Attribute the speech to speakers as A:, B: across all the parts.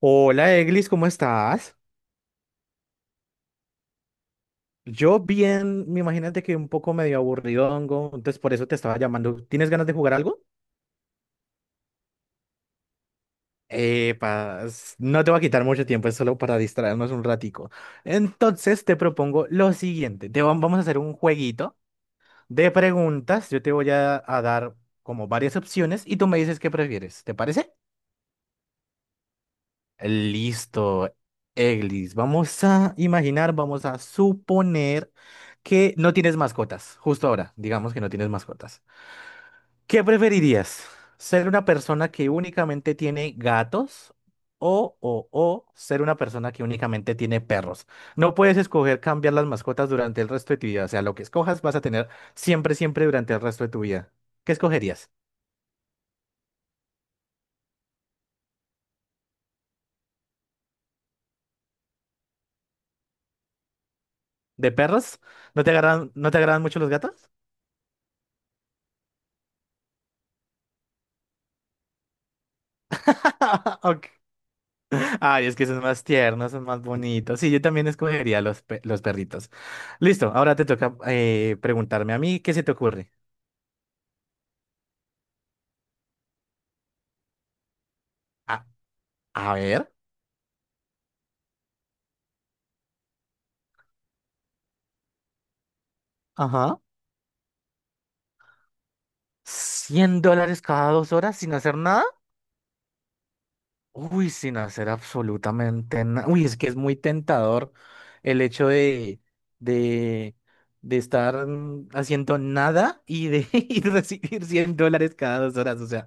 A: Hola Eglis, ¿cómo estás? Yo bien, me imagínate que un poco medio aburridongo, entonces por eso te estaba llamando. ¿Tienes ganas de jugar algo? Eh, no te va a quitar mucho tiempo, es solo para distraernos un ratico. Entonces te propongo lo siguiente, te vamos a hacer un jueguito de preguntas, yo te voy a dar como varias opciones y tú me dices qué prefieres, ¿te parece? Listo, Eglis. Vamos a imaginar, vamos a suponer que no tienes mascotas. Justo ahora, digamos que no tienes mascotas. ¿Qué preferirías? ¿Ser una persona que únicamente tiene gatos o ser una persona que únicamente tiene perros? No puedes escoger cambiar las mascotas durante el resto de tu vida. O sea, lo que escojas vas a tener siempre, siempre durante el resto de tu vida. ¿Qué escogerías? ¿De perros? ¿No te agradan, no te agradan mucho los gatos? Ok. Ay, es que son más tiernos, son más bonitos. Sí, yo también escogería los, pe- los perritos. Listo, ahora te toca preguntarme a mí, ¿qué se te ocurre? A, a ver. Ajá. ¿$100 cada 2 horas sin hacer nada? Uy, sin hacer absolutamente nada. Uy, es que es muy tentador el hecho de, de estar haciendo nada y de y recibir $100 cada 2 horas. O sea.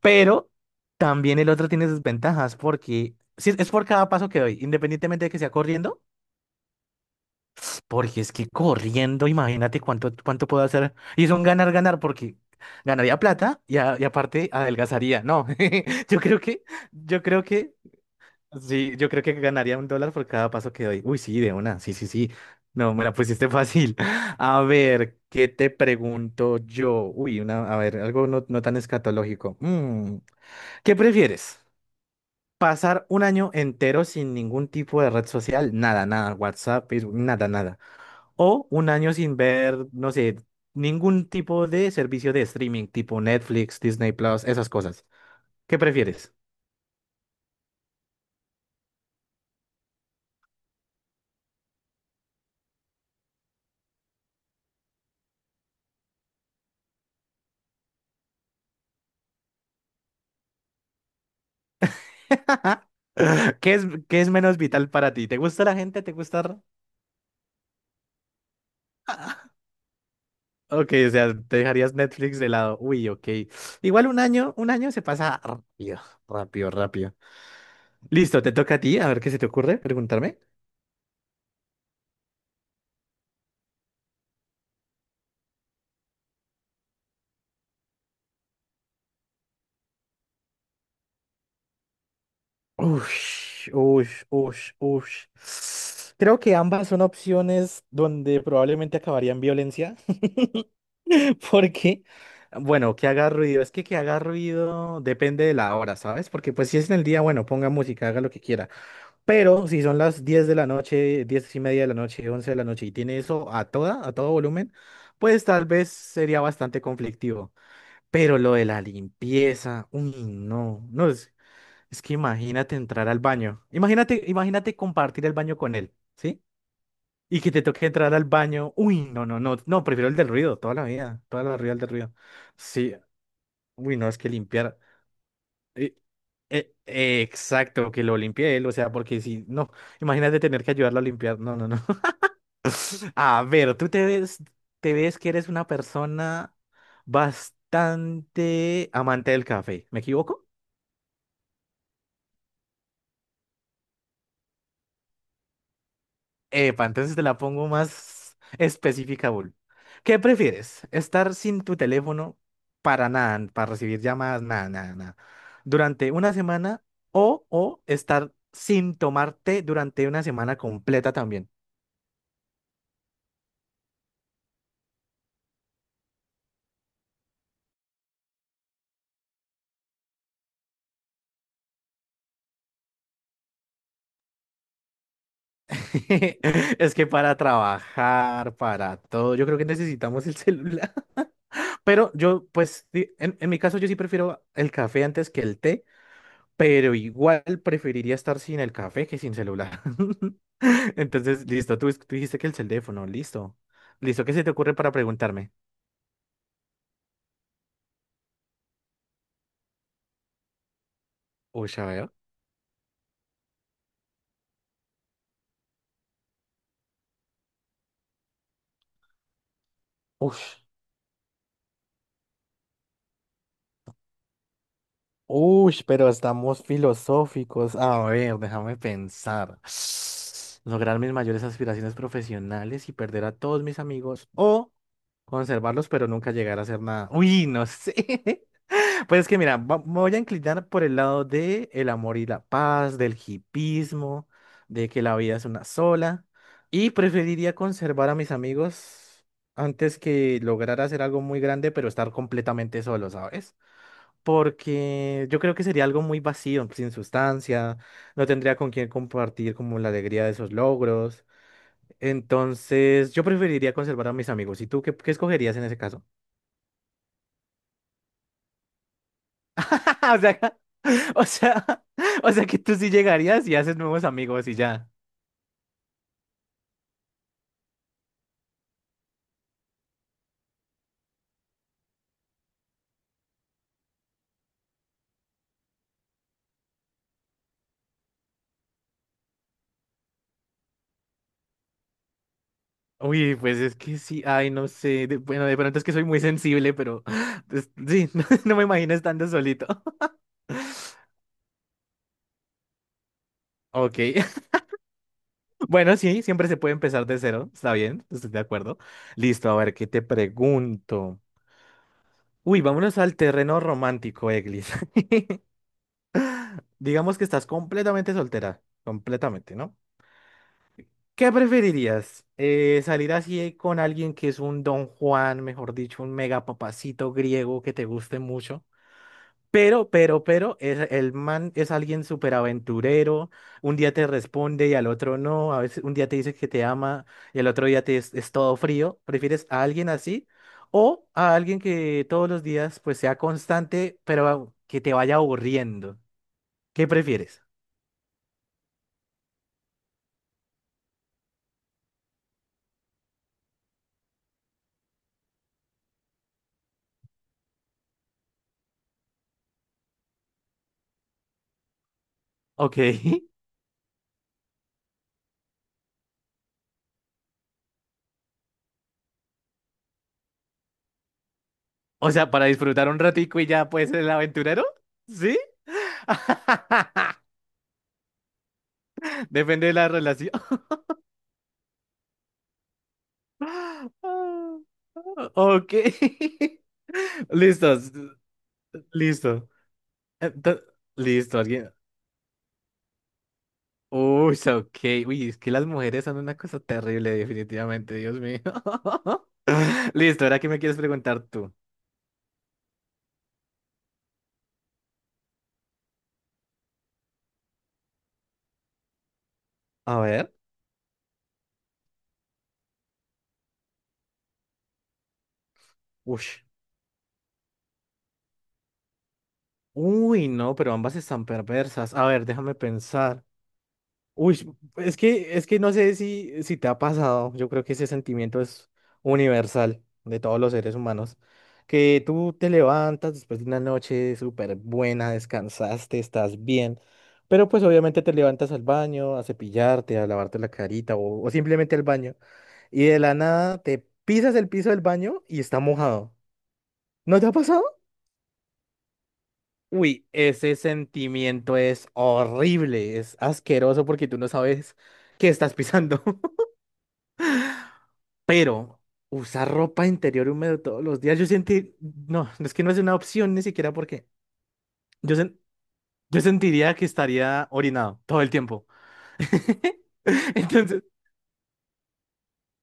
A: Pero también el otro tiene sus ventajas porque sí, es por cada paso que doy, independientemente de que sea corriendo, porque es que corriendo, imagínate cuánto puedo hacer. Y es un ganar, ganar, porque ganaría plata y aparte adelgazaría. No, yo creo que, yo creo que, sí, yo creo que ganaría $1 por cada paso que doy. Uy, sí, de una, sí, sí, sí. No, me la pusiste fácil. A ver, ¿qué te pregunto yo? Uy, una, a ver, algo no, no tan escatológico. ¿Qué prefieres? Pasar un año entero sin ningún tipo de red social, nada, nada, WhatsApp, Facebook, nada, nada. O un año sin ver, no sé, ningún tipo de servicio de streaming, tipo Netflix, Disney Plus, esas cosas. ¿Qué prefieres? ¿Qué es menos vital para ti? ¿Te gusta la gente? ¿Te gusta? Ok, o sea, te dejarías Netflix de lado. Uy, ok. Igual un año se pasa rápido, rápido, rápido. Listo, te toca a ti, a ver qué se te ocurre preguntarme. Ush, ush, ush, ush. Creo que ambas son opciones donde probablemente acabaría en violencia, porque, bueno, que haga ruido, es que haga ruido depende de la hora, ¿sabes? Porque pues si es en el día, bueno, ponga música, haga lo que quiera, pero si son las 10 de la noche, 10:30 de la noche, 11 de la noche y tiene eso a todo volumen, pues tal vez sería bastante conflictivo. Pero lo de la limpieza, uy, no, no, es que imagínate entrar al baño. Imagínate, imagínate compartir el baño con él, ¿sí? Y que te toque entrar al baño. Uy, no, no, no, no, prefiero el del ruido, toda la vida el del ruido. Sí, uy, no, es que limpiar. eh, exacto, que lo limpie él, o sea, porque si, no, imagínate tener que ayudarlo a limpiar. No, no, no. A ver, tú te ves que eres una persona bastante amante del café, ¿me equivoco? Epa, entonces te la pongo más específica, Bull. ¿Qué prefieres? ¿Estar sin tu teléfono para nada, para recibir llamadas, nada, nada, nada, durante una semana o estar sin tomarte durante una semana completa también? Es que para trabajar, para todo, yo creo que necesitamos el celular. Pero yo, pues, en mi caso, yo sí prefiero el café antes que el té. Pero igual preferiría estar sin el café que sin celular. Entonces, listo, tú dijiste que el teléfono, listo. Listo, ¿qué se te ocurre para preguntarme? Uy, a ver. Ush, ush, pero estamos filosóficos. A ver, déjame pensar. Lograr mis mayores aspiraciones profesionales y perder a todos mis amigos o conservarlos pero nunca llegar a hacer nada. Uy, no sé. Pues es que mira, me voy a inclinar por el lado de el amor y la paz, del hipismo, de que la vida es una sola, y preferiría conservar a mis amigos antes que lograr hacer algo muy grande, pero estar completamente solo, ¿sabes? Porque yo creo que sería algo muy vacío, sin sustancia, no tendría con quién compartir como la alegría de esos logros. Entonces, yo preferiría conservar a mis amigos. ¿Y tú qué escogerías en ese caso? O sea, o sea, o sea que tú sí llegarías y haces nuevos amigos y ya. Uy, pues es que sí, ay, no sé, bueno, de pronto es que soy muy sensible, pero pues, sí, no, no me imagino estando solito. Ok, bueno, sí, siempre se puede empezar de cero, está bien, estoy de acuerdo. Listo, a ver, ¿qué te pregunto? Uy, vámonos al terreno romántico, Eglis. Digamos que estás completamente soltera, completamente, ¿no? ¿Qué preferirías? ¿Salir así con alguien que es un Don Juan, mejor dicho, un mega papacito griego que te guste mucho? Pero, el man es alguien súper aventurero, un día te responde y al otro no, a veces un día te dice que te ama y al otro día te es todo frío. ¿Prefieres a alguien así o a alguien que todos los días pues sea constante, pero que te vaya aburriendo? ¿Qué prefieres? Ok, o sea, para disfrutar un ratico y ya pues el aventurero. ¿Sí? Depende de la relación. Ok. Listos. Listo. Ento- Listo. Alguien. Uy, so, ok. Uy, es que las mujeres son una cosa terrible, definitivamente, Dios mío. Listo, ahora qué me quieres preguntar tú. A ver. Uy. Uy, no, pero ambas están perversas. A ver, déjame pensar. Uy, es que, no sé si, si te ha pasado, yo creo que ese sentimiento es universal de todos los seres humanos, que tú te levantas después de una noche súper buena, descansaste, estás bien, pero pues obviamente te levantas al baño, a cepillarte, a lavarte la carita o simplemente al baño, y de la nada te pisas el piso del baño y está mojado. ¿No te ha pasado? Uy, ese sentimiento es horrible, es asqueroso porque tú no sabes qué estás pisando. Pero usar ropa interior húmedo todos los días, yo sentí, no, es que no es una opción ni siquiera porque yo, sen- yo sentiría que estaría orinado todo el tiempo. Entonces,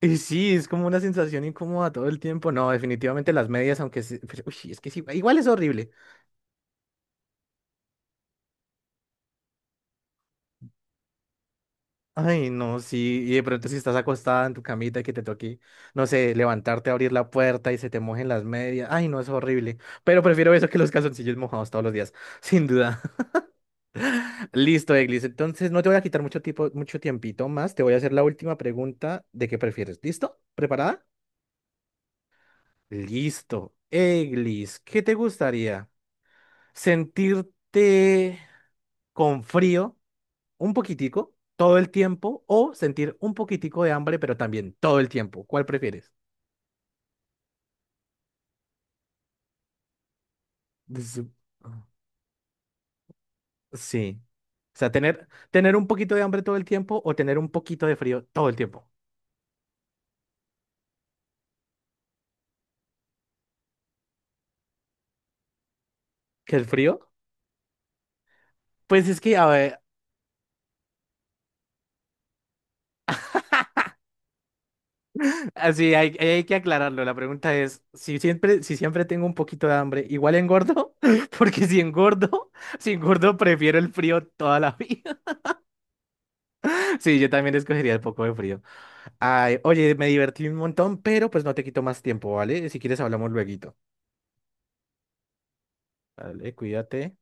A: y sí, es como una sensación incómoda todo el tiempo. No, definitivamente las medias, pero, uy, es que sí, igual es horrible. Ay, no, sí, y de pronto si estás acostada en tu camita y que te toque, no sé, levantarte, a abrir la puerta y se te mojen las medias. Ay, no, es horrible. Pero prefiero eso que los calzoncillos mojados todos los días, sin duda. Listo, Eglis. Entonces no te voy a quitar mucho tiempo, mucho tiempito más. Te voy a hacer la última pregunta de qué prefieres. ¿Listo? ¿Preparada? Listo. Eglis, ¿qué te gustaría? ¿Sentirte con frío un poquitico todo el tiempo o sentir un poquitico de hambre, pero también todo el tiempo? ¿Cuál prefieres? Su- Sí. O sea, tener, tener un poquito de hambre todo el tiempo o tener un poquito de frío todo el tiempo. ¿Qué el frío? Pues es que, a ver, así hay que aclararlo. La pregunta es, si siempre, tengo un poquito de hambre, ¿igual engordo? Porque si engordo, prefiero el frío toda la vida. Sí, yo también escogería el poco de frío. Ay, oye, me divertí un montón, pero pues no te quito más tiempo, ¿vale? Si quieres hablamos lueguito. Vale, cuídate.